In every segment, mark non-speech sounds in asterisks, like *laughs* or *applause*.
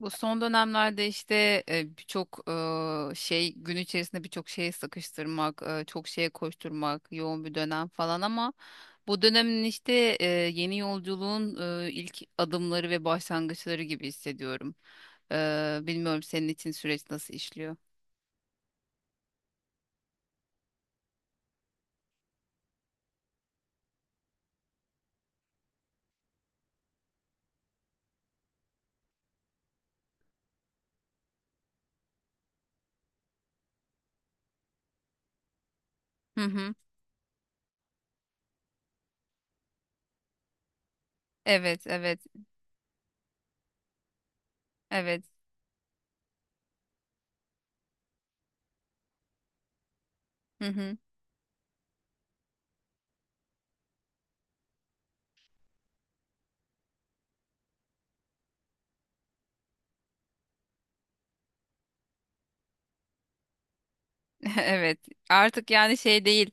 Bu son dönemlerde işte birçok şey gün içerisinde birçok şeye sıkıştırmak, çok şeye koşturmak, yoğun bir dönem falan ama bu dönemin işte yeni yolculuğun ilk adımları ve başlangıçları gibi hissediyorum. Bilmiyorum senin için süreç nasıl işliyor? Hı hı. Evet, evet, evet. Hı hı. *laughs* Evet. Artık yani şey değil.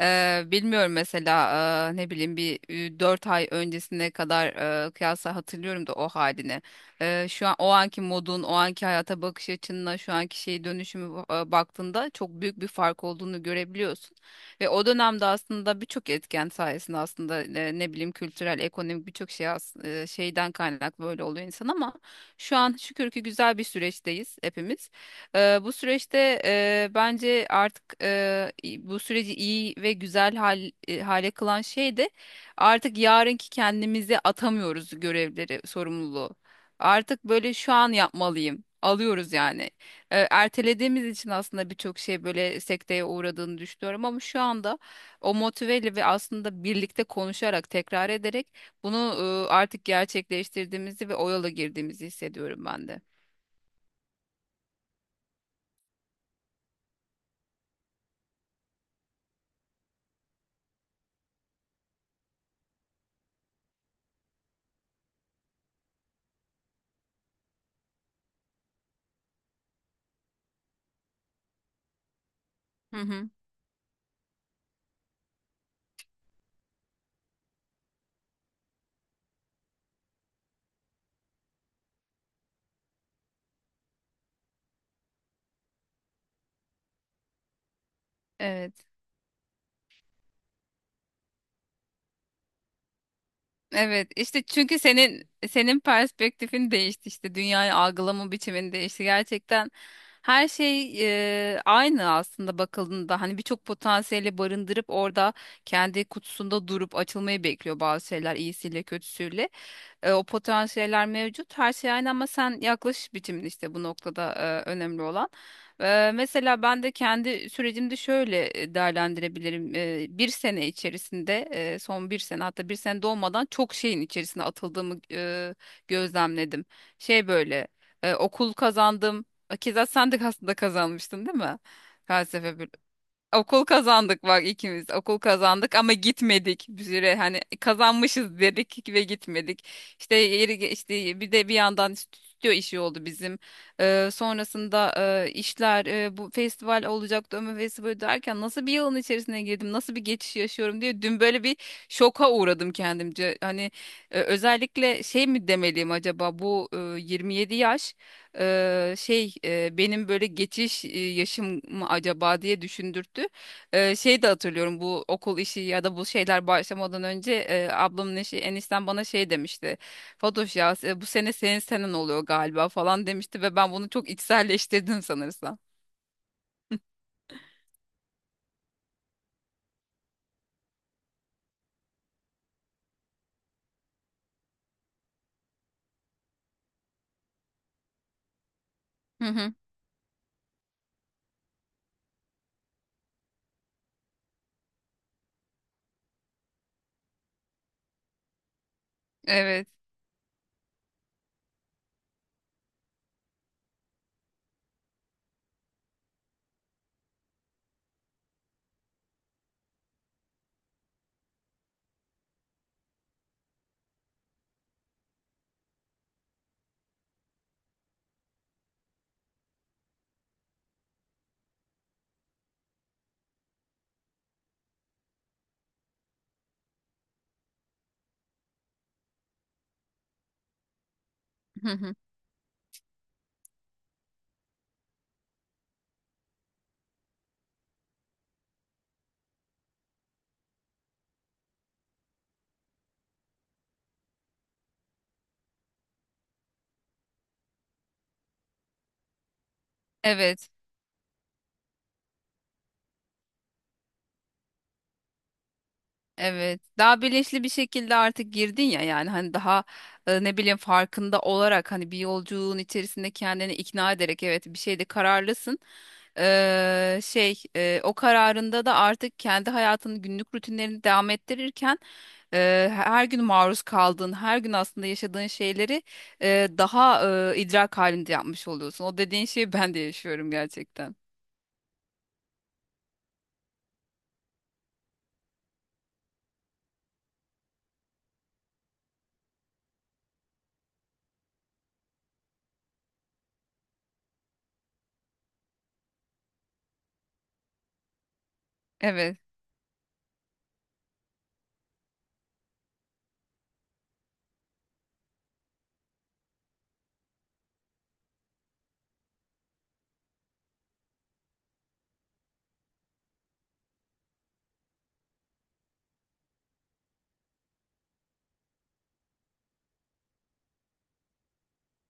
Bilmiyorum mesela ne bileyim bir 4 ay öncesine kadar kıyasla hatırlıyorum da o halini. Şu an o anki modun, o anki hayata bakış açınla şu anki şey dönüşümü baktığında çok büyük bir fark olduğunu görebiliyorsun. Ve o dönemde aslında birçok etken sayesinde aslında ne bileyim kültürel, ekonomik birçok şey şeyden kaynaklı böyle oluyor insan ama şu an şükür ki güzel bir süreçteyiz hepimiz. Bu süreçte bence artık bu süreci iyi ve güzel hale kılan şey de artık yarınki kendimizi atamıyoruz görevleri, sorumluluğu. Artık böyle şu an yapmalıyım. Alıyoruz yani. Ertelediğimiz için aslında birçok şey böyle sekteye uğradığını düşünüyorum ama şu anda o motiveyle ve aslında birlikte konuşarak, tekrar ederek bunu artık gerçekleştirdiğimizi ve o yola girdiğimizi hissediyorum ben de. Hı hı. Evet. Evet işte çünkü senin perspektifin değişti işte dünyayı algılama biçimin değişti gerçekten her şey aynı aslında bakıldığında hani birçok potansiyeli barındırıp orada kendi kutusunda durup açılmayı bekliyor bazı şeyler iyisiyle kötüsüyle. O potansiyeller mevcut. Her şey aynı ama sen yaklaş biçimin işte bu noktada önemli olan. Mesela ben de kendi sürecimde şöyle değerlendirebilirim. Bir sene içerisinde, son bir sene hatta bir sene dolmadan çok şeyin içerisine atıldığımı gözlemledim. Şey böyle okul kazandım. Keza sen de aslında kazanmıştın değil mi? Felsefe bölümü. Okul kazandık bak ikimiz okul kazandık ama gitmedik bir süre hani kazanmışız dedik ve gitmedik işte bir de bir yandan stüdyo işi oldu bizim. Sonrasında işler bu festival olacaktı Ömür Festivali derken nasıl bir yılın içerisine girdim nasıl bir geçiş yaşıyorum diye dün böyle bir şoka uğradım kendimce hani özellikle şey mi demeliyim acaba bu 27 yaş şey benim böyle geçiş yaşım mı acaba diye düşündürttü. Şey de hatırlıyorum bu okul işi ya da bu şeyler başlamadan önce ablamın eşi enişten bana şey demişti. Fatoş ya bu sene senin senen oluyor galiba falan demişti ve ben bunu çok içselleştirdim sanırsam. Hı hı. Evet. Hı hı. Evet. Evet, daha bilinçli bir şekilde artık girdin ya yani hani daha ne bileyim farkında olarak hani bir yolculuğun içerisinde kendini ikna ederek evet bir şeyde kararlısın. Şey o kararında da artık kendi hayatının günlük rutinlerini devam ettirirken her gün maruz kaldığın, her gün aslında yaşadığın şeyleri daha idrak halinde yapmış oluyorsun. O dediğin şeyi ben de yaşıyorum gerçekten. Evet.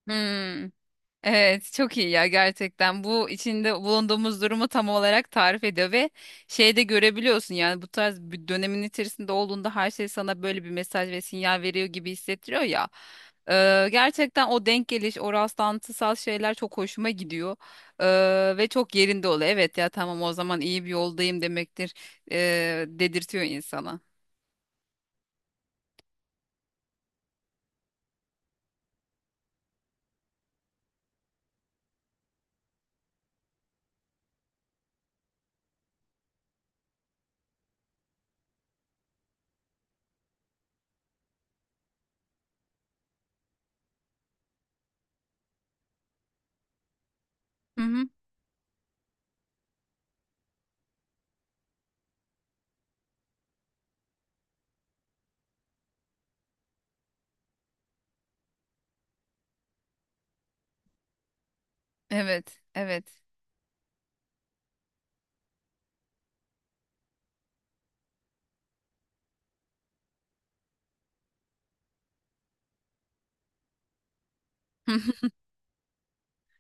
Hmm. Evet, çok iyi ya gerçekten. Bu içinde bulunduğumuz durumu tam olarak tarif ediyor ve şeyde görebiliyorsun yani bu tarz bir dönemin içerisinde olduğunda her şey sana böyle bir mesaj ve sinyal veriyor gibi hissettiriyor ya. Gerçekten o denk geliş, o rastlantısal şeyler çok hoşuma gidiyor. Ve çok yerinde oluyor. Evet ya tamam o zaman iyi bir yoldayım demektir dedirtiyor insana. Hı hı. Evet, evet. *laughs*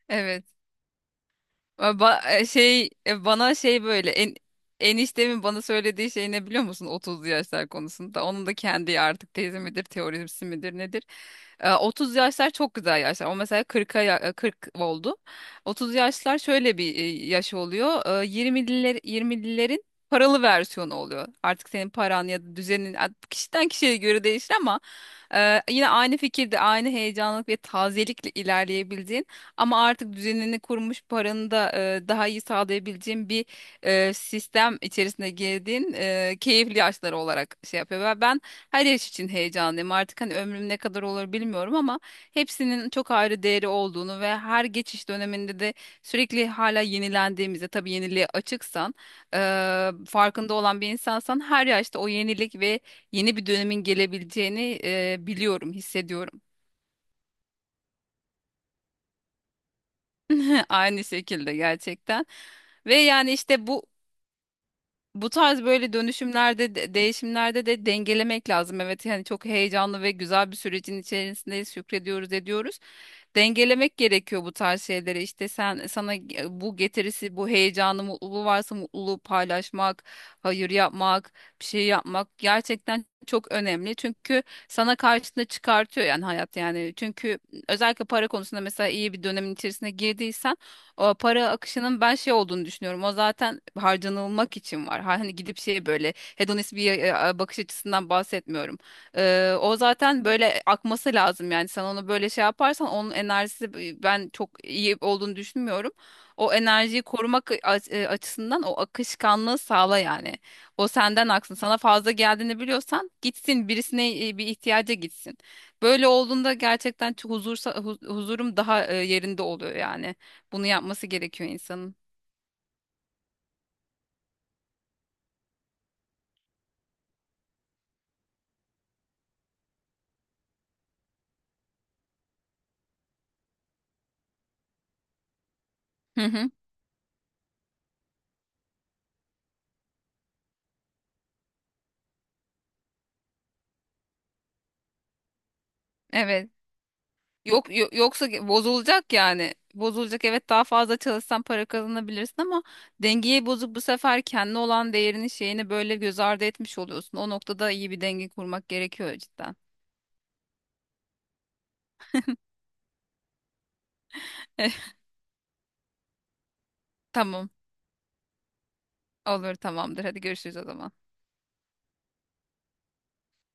Evet. Şey, bana şey böyle en eniştemin bana söylediği şey ne biliyor musun 30'lu yaşlar konusunda? Onun da kendi artık tezi midir, teorisi midir nedir? 30 yaşlar çok güzel yaşlar. O mesela 40 oldu. 30 yaşlar şöyle bir yaş oluyor. 20'lilerin paralı versiyonu oluyor. Artık senin paran ya da düzenin kişiden kişiye göre değişir ama yine aynı fikirde, aynı heyecanlık ve tazelikle ilerleyebildiğin ama artık düzenini kurmuş paranı da daha iyi sağlayabileceğin bir sistem içerisine girdiğin keyifli yaşları olarak şey yapıyor. Ve ben her yaş için heyecanlıyım. Artık hani ömrüm ne kadar olur bilmiyorum ama hepsinin çok ayrı değeri olduğunu ve her geçiş döneminde de sürekli hala yenilendiğimizde tabii yeniliğe açıksan e, farkında olan bir insansan her yaşta o yenilik ve yeni bir dönemin gelebileceğini biliyorum, hissediyorum. *laughs* Aynı şekilde gerçekten. Ve yani işte bu tarz böyle dönüşümlerde, değişimlerde de dengelemek lazım. Evet yani çok heyecanlı ve güzel bir sürecin içerisindeyiz, şükrediyoruz, ediyoruz. Dengelemek gerekiyor bu tarz şeyleri. İşte bu getirisi, bu heyecanı, mutluluğu varsa mutluluğu paylaşmak, hayır yapmak, bir şey yapmak gerçekten çok önemli. Çünkü sana karşına çıkartıyor yani hayat yani. Çünkü özellikle para konusunda mesela iyi bir dönemin içerisine girdiysen o para akışının ben şey olduğunu düşünüyorum. O zaten harcanılmak için var. Hani gidip şey böyle hedonist bir bakış açısından bahsetmiyorum. O zaten böyle akması lazım yani sen onu böyle şey yaparsan onun enerjisi ben çok iyi olduğunu düşünmüyorum. O enerjiyi korumak açısından o akışkanlığı sağla yani. O senden aksın. Sana fazla geldiğini biliyorsan gitsin birisine bir ihtiyaca gitsin. Böyle olduğunda gerçekten çok huzursa, huzurum daha yerinde oluyor yani. Bunu yapması gerekiyor insanın. Hı hı. Evet. Yok, yo- yoksa bozulacak yani. Bozulacak evet daha fazla çalışsan para kazanabilirsin ama dengeyi bozup bu sefer kendi olan değerini şeyini böyle göz ardı etmiş oluyorsun. O noktada iyi bir denge kurmak gerekiyor cidden. *laughs* Tamam olur tamamdır hadi görüşürüz o zaman.